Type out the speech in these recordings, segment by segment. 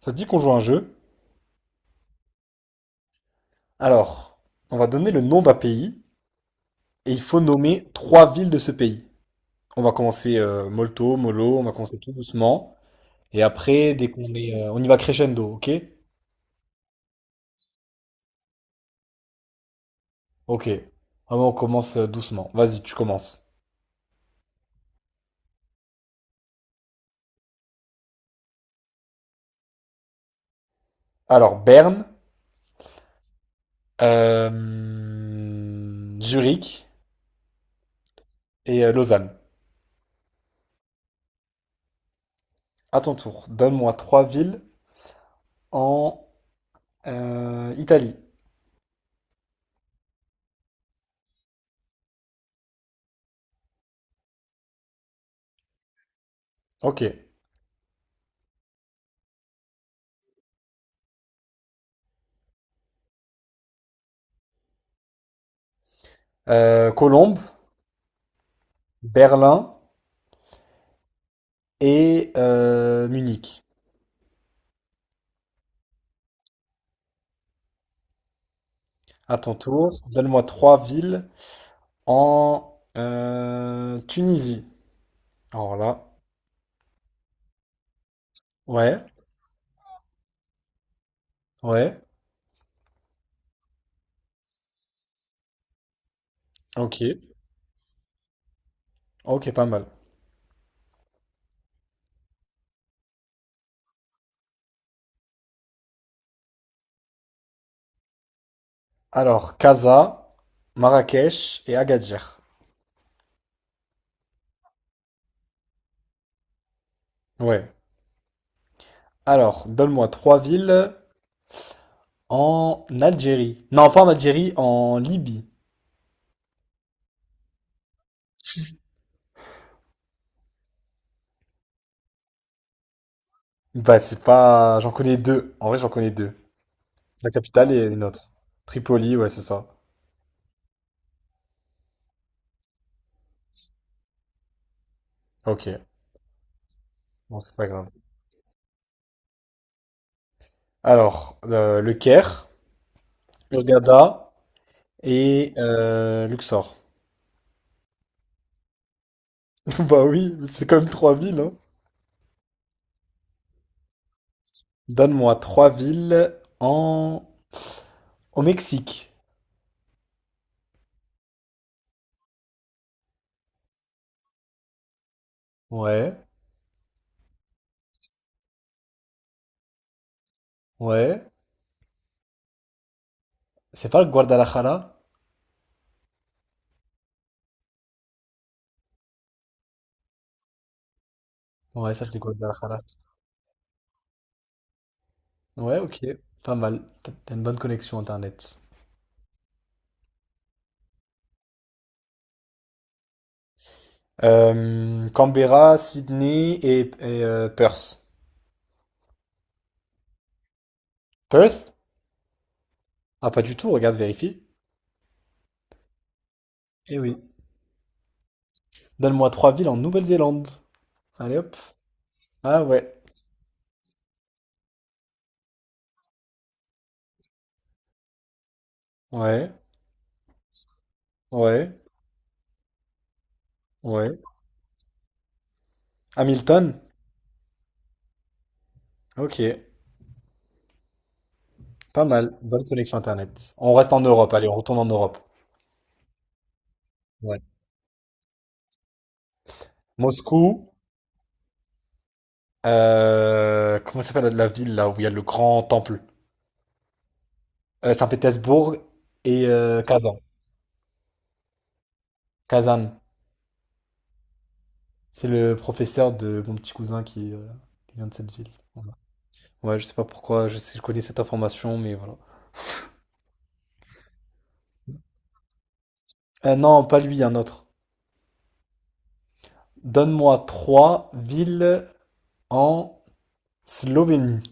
Ça te dit qu'on joue à un jeu? Alors, on va donner le nom d'un pays et il faut nommer trois villes de ce pays. On va commencer molto, mollo, on va commencer tout doucement. Et après, on y va crescendo, ok? Ok. Vraiment, on commence doucement. Vas-y, tu commences. Alors, Berne, euh, Zurich et Lausanne. À ton tour, donne-moi trois villes en Italie. Ok. Colombe, Berlin et Munich. À ton tour, donne-moi trois villes en Tunisie. Alors là, ouais, ouais, ok, ok, pas mal. Alors, Casa, Marrakech et Agadir. Ouais. Alors, donne-moi trois villes en Algérie. Non, pas en Algérie, en Libye. Bah, c'est pas. J'en connais deux. En vrai, j'en connais deux. La capitale et une autre. Tripoli, ouais, c'est ça. Ok, bon, c'est pas grave. Alors, le Caire, Hurghada et Luxor. Bah oui, c'est quand même trois villes, hein. Donne-moi trois villes en... au Mexique. Ouais, ouais. C'est pas le Guadalajara? Ouais, ça c'est Guadalajara. Ouais, ok. Pas mal. T'as une bonne connexion Internet. Canberra, Sydney et Perth. Perth? Ah, pas du tout, regarde, vérifie. Eh oui. Donne-moi trois villes en Nouvelle-Zélande. Allez hop. Ah ouais. Ouais, ouais, ouais. Hamilton? Ok. Pas mal, bonne connexion Internet. On reste en Europe, allez, on retourne en Europe. Ouais. Moscou, comment s'appelle la ville là où il y a le grand temple? Saint-Pétersbourg et Kazan. Kazan, c'est le professeur de mon petit cousin qui vient de cette ville. Voilà. Ouais, je sais pas pourquoi, je sais, je connais cette information, mais voilà. Non, pas lui, un autre. Donne-moi trois villes en Slovénie.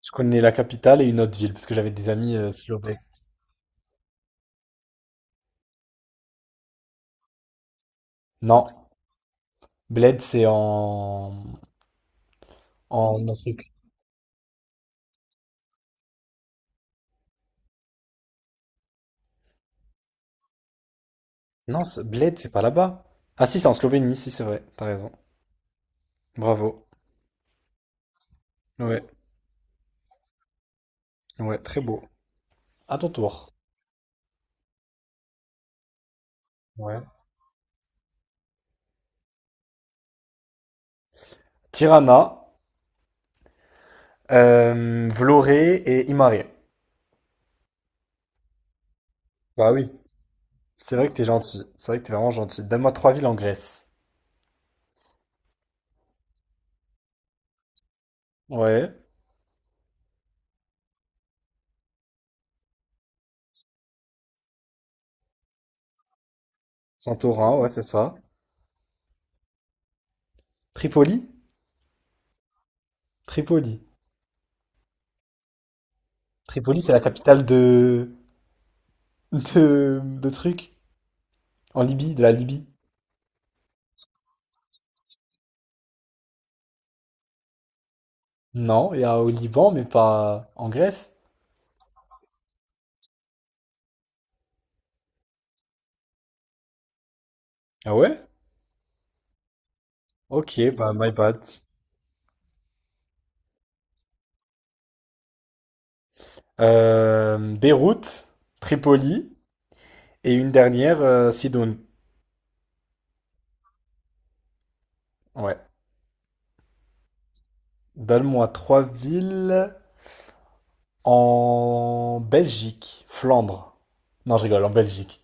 Je connais la capitale et une autre ville parce que j'avais des amis slovènes. Non. Bled, c'est en... Non, c'est- Bled, c'est pas là-bas. Ah si, c'est en Slovénie, si c'est vrai, t'as raison. Bravo. Ouais, ouais, très beau. À ton tour. Ouais. Tirana, Vlorë et Imare. Bah oui. C'est vrai que t'es gentil. C'est vrai que t'es vraiment gentil. Donne-moi trois villes en Grèce. Ouais. Santorin, ouais, c'est ça. Tripoli? Tripoli. Tripoli, c'est la capitale de trucs. En Libye, de la Libye. Non, il y a au Liban, mais pas en Grèce. Ah ouais? Ok, bah my bad. Beyrouth, Tripoli et une dernière, Sidoune. Ouais. Donne-moi trois villes en Belgique, Flandre. Non, je rigole, en Belgique.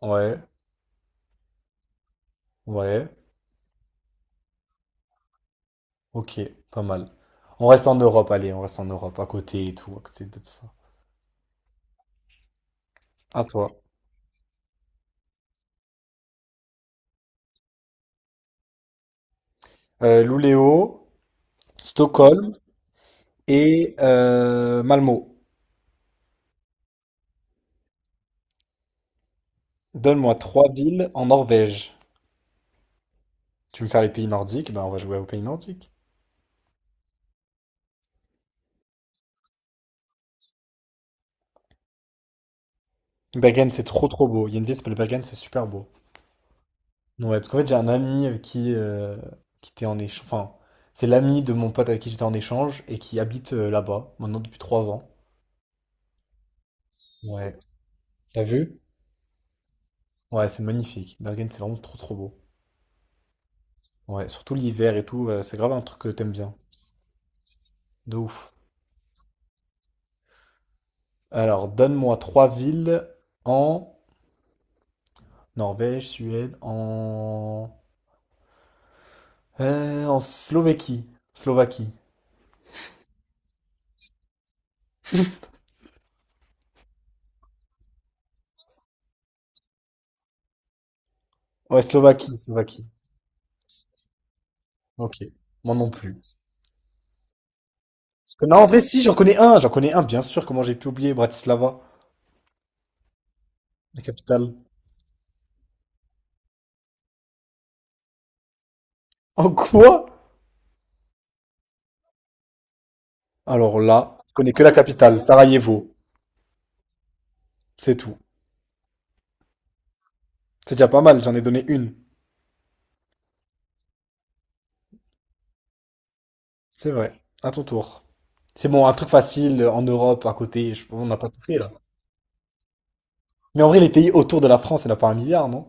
Ouais, ouais, ok, pas mal. On reste en Europe, allez, on reste en Europe, à côté et tout, à côté de tout ça. À toi. Luleå, Stockholm et Malmö. Donne-moi trois villes en Norvège. Tu veux me faire les pays nordiques? Ben, on va jouer aux pays nordiques. Bergen, c'est trop trop beau. Il y a une ville qui s'appelle Bergen, c'est super beau. Ouais, parce qu'en fait, j'ai un ami avec qui était en échange. Enfin, c'est l'ami de mon pote avec qui j'étais en échange et qui habite là-bas, maintenant depuis 3 ans. Ouais. T'as vu? Ouais, c'est magnifique. Bergen, c'est vraiment trop trop beau. Ouais, surtout l'hiver et tout, c'est grave un truc que t'aimes bien. De ouf. Alors, donne-moi trois villes en Norvège, Suède, en Slovaquie. Slovaquie. Ouais, Slovaquie, Slovaquie. Ok. Moi non plus. Parce que non, en vrai, si, j'en connais un, bien sûr, comment j'ai pu oublier Bratislava, la capitale. En quoi? Alors là, je connais que la capitale, Sarajevo, c'est tout. C'est déjà pas mal, j'en ai donné une. C'est vrai, à ton tour. C'est bon, un truc facile en Europe, à côté, on n'a pas tout fait là. Mais en vrai, les pays autour de la France, il n'y en a pas un milliard, non?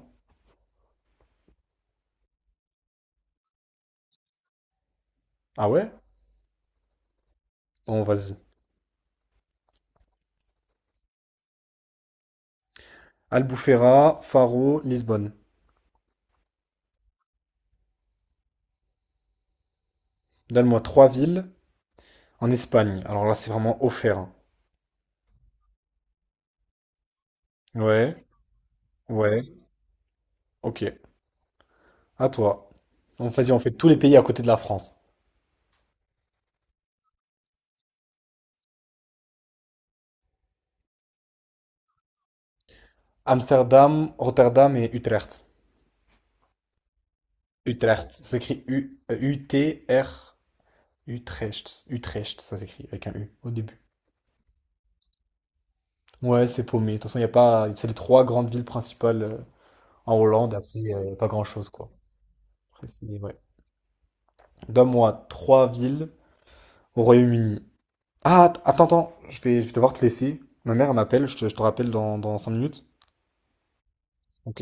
Ah ouais? Bon, vas-y. Albufeira, Faro, Lisbonne. Donne-moi trois villes en Espagne. Alors là, c'est vraiment offert, hein. Ouais, ouais, ok. À toi. On, vas-y, on fait tous les pays à côté de la France. Amsterdam, Rotterdam et Utrecht. Utrecht, ça s'écrit U, U-T-R, Utrecht. Utrecht, ça s'écrit avec un U au début. Ouais, c'est paumé. De toute façon, il y a pas. C'est les trois grandes villes principales en Hollande. Après, pas grand-chose, quoi. Après, ouais. Donne-moi trois villes au Royaume-Uni. Ah, attends, attends. Je vais devoir te laisser. Ma mère, elle m'appelle. Je te rappelle dans 5 minutes. Ok.